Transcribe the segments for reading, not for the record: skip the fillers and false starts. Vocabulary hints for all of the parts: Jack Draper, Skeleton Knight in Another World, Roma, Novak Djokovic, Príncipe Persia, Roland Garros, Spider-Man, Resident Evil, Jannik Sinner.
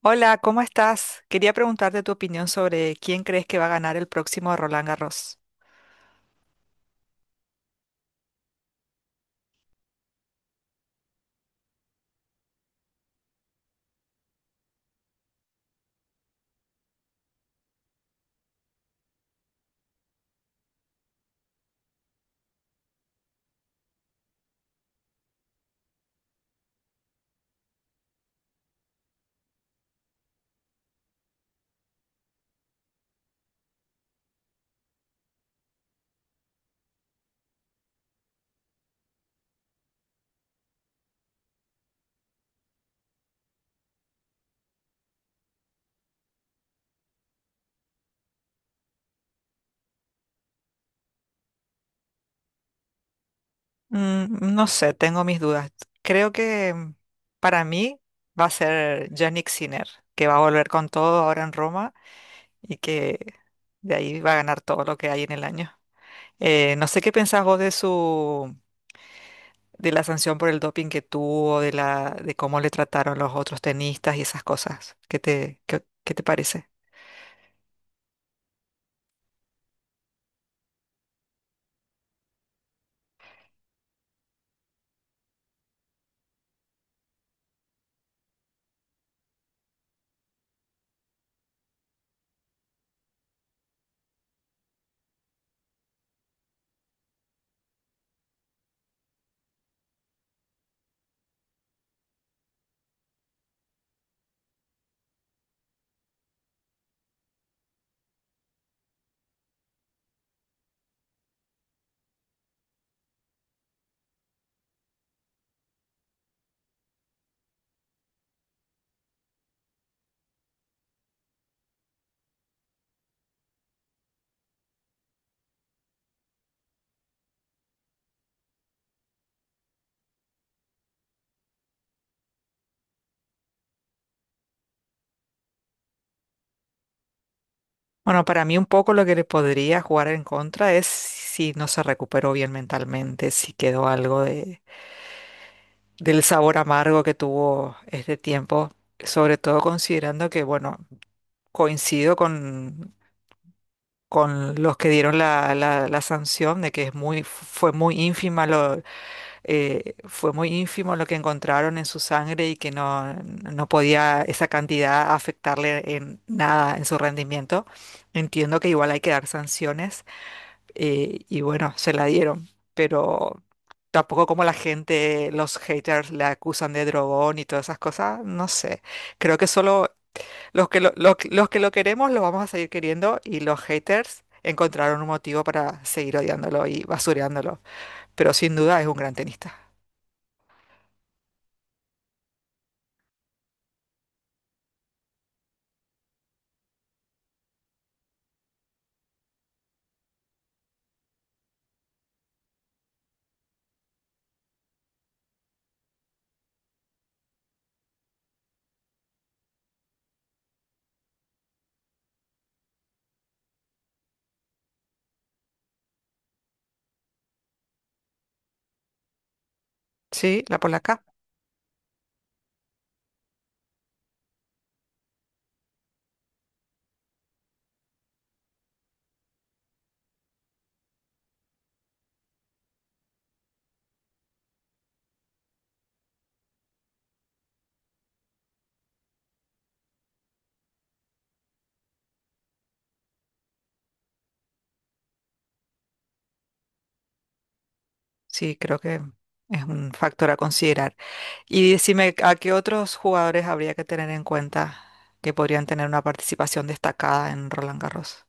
Hola, ¿cómo estás? Quería preguntarte tu opinión sobre quién crees que va a ganar el próximo Roland Garros. No sé, tengo mis dudas. Creo que para mí va a ser Jannik Sinner, que va a volver con todo ahora en Roma y que de ahí va a ganar todo lo que hay en el año. No sé qué pensás vos de su de la sanción por el doping que tuvo, de la de cómo le trataron los otros tenistas y esas cosas. ¿Qué te qué te parece? Bueno, para mí un poco lo que le podría jugar en contra es si no se recuperó bien mentalmente, si quedó algo de, del sabor amargo que tuvo este tiempo, sobre todo considerando que, bueno, coincido con los que dieron la sanción de que es fue muy ínfima. Fue muy ínfimo lo que encontraron en su sangre y que no podía esa cantidad afectarle en nada en su rendimiento. Entiendo que igual hay que dar sanciones y bueno, se la dieron, pero tampoco como la gente, los haters le acusan de drogón y todas esas cosas, no sé. Creo que solo los que los que lo queremos lo vamos a seguir queriendo y los haters encontraron un motivo para seguir odiándolo y basureándolo, pero sin duda es un gran tenista. Sí, la polaca, sí, creo que es un factor a considerar. Y decime, ¿a qué otros jugadores habría que tener en cuenta que podrían tener una participación destacada en Roland Garros?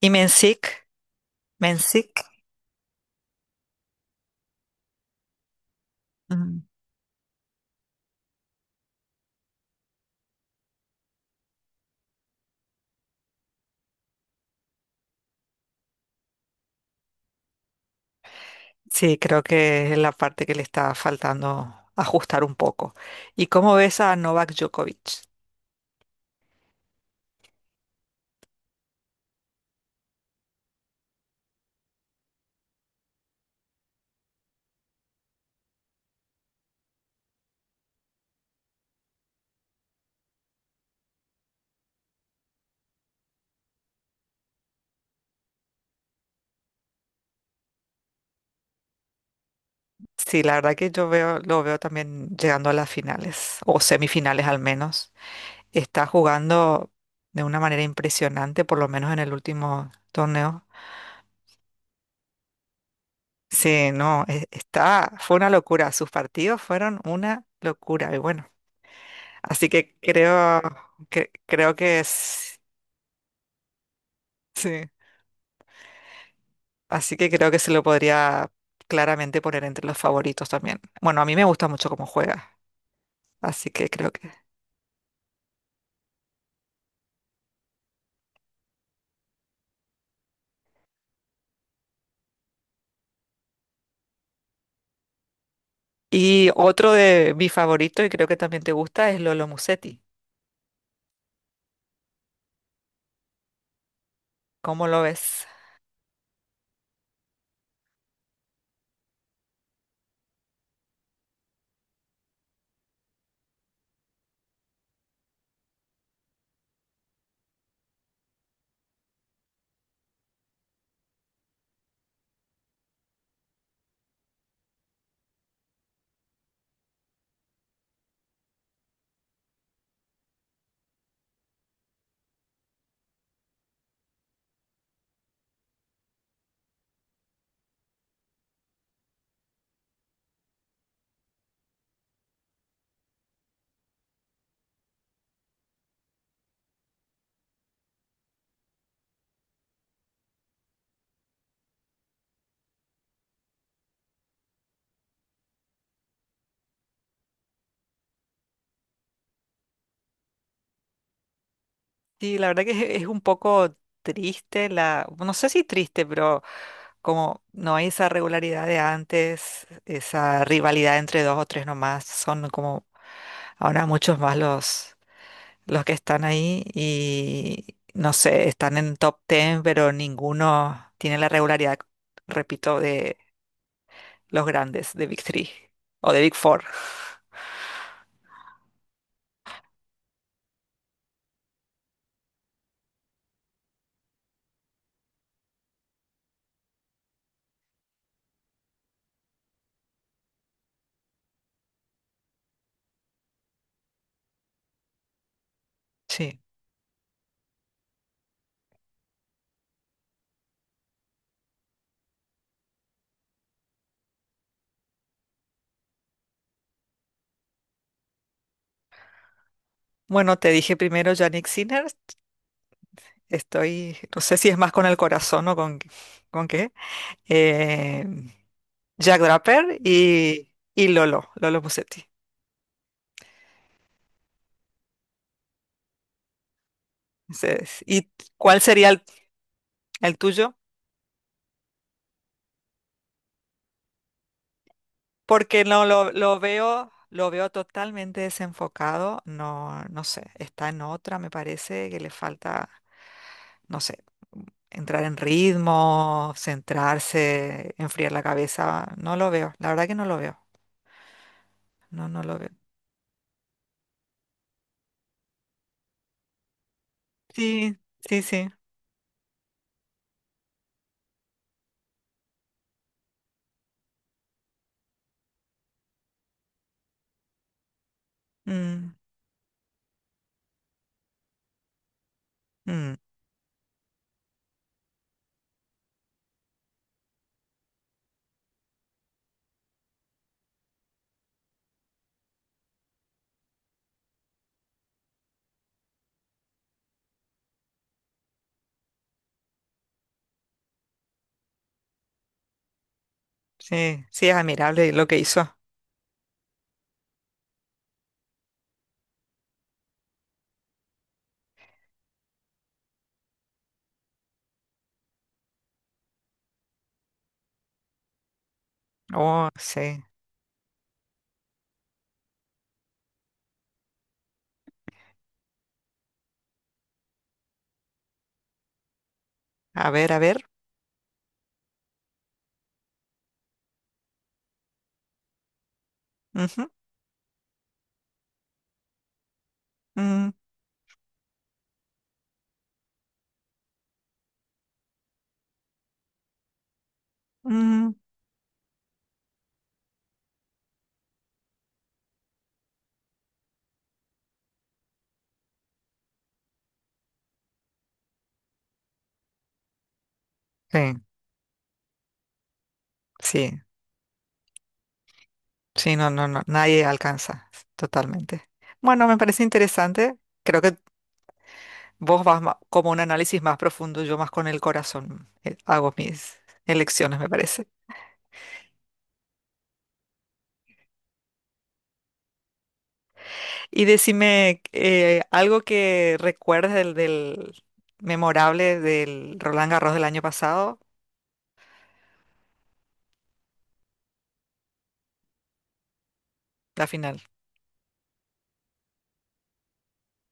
Y Mencic, Mencic, mm, sí, creo que es la parte que le está faltando ajustar un poco. ¿Y cómo ves a Novak Djokovic? Sí, la verdad que yo veo, lo veo también llegando a las finales, o semifinales al menos. Está jugando de una manera impresionante, por lo menos en el último torneo. Sí, no, está, fue una locura. Sus partidos fueron una locura. Y bueno, así que creo que creo que es, sí. Así que creo que se lo podría claramente poner entre los favoritos también. Bueno, a mí me gusta mucho cómo juega, así que creo que... Y otro de mi favorito, y creo que también te gusta, es Lolo Musetti. ¿Cómo lo ves? Sí, la verdad que es un poco triste, la... no sé si triste, pero como no hay esa regularidad de antes, esa rivalidad entre dos o tres nomás, son como ahora muchos más los que están ahí y no sé, están en top 10, pero ninguno tiene la regularidad, repito, de los grandes, de Big Three o de Big Four. Sí. Bueno, te dije primero Yannick Sinner. Estoy, no sé si es más con el corazón con qué. Eh, Jack Draper y Lolo Musetti. Ese es. ¿Y cuál sería el tuyo? Porque no lo veo, lo veo totalmente desenfocado. No sé, está en otra, me parece que le falta, no sé, entrar en ritmo, centrarse, enfriar la cabeza. No lo veo, la verdad que no lo veo. No, no lo veo. Sí, sí, sí. Mm, mm, sí, sí, es admirable lo que hizo. Oh, sí. A ver, a ver. Ujú, mm, mm, sí, sí. Sí, no, no, no, nadie alcanza, totalmente. Bueno, me parece interesante. Creo que vos como un análisis más profundo, yo más con el corazón hago mis elecciones, me parece. Y decime algo que recuerdes del memorable del Roland Garros del año pasado, la final.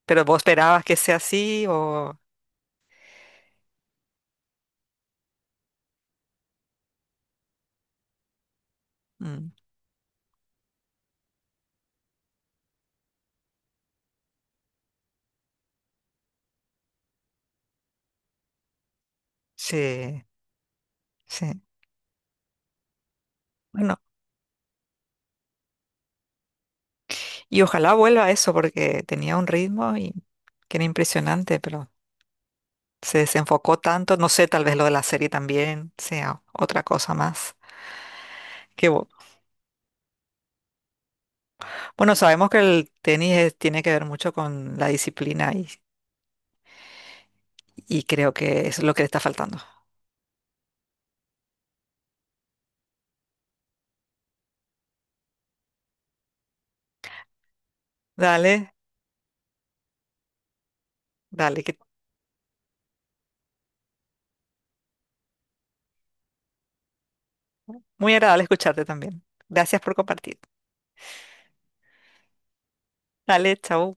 Pero vos esperabas que sea así o... Mm, sí, sí. Bueno, y ojalá vuelva a eso porque tenía un ritmo y que era impresionante, pero... Se desenfocó tanto, no sé, tal vez lo de la serie también sea otra cosa más. Que, bu- bueno, sabemos que el tenis tiene que ver mucho con la disciplina y creo que eso es lo que le está faltando. Dale, dale, que muy agradable escucharte también. Gracias por compartir. Dale, chao.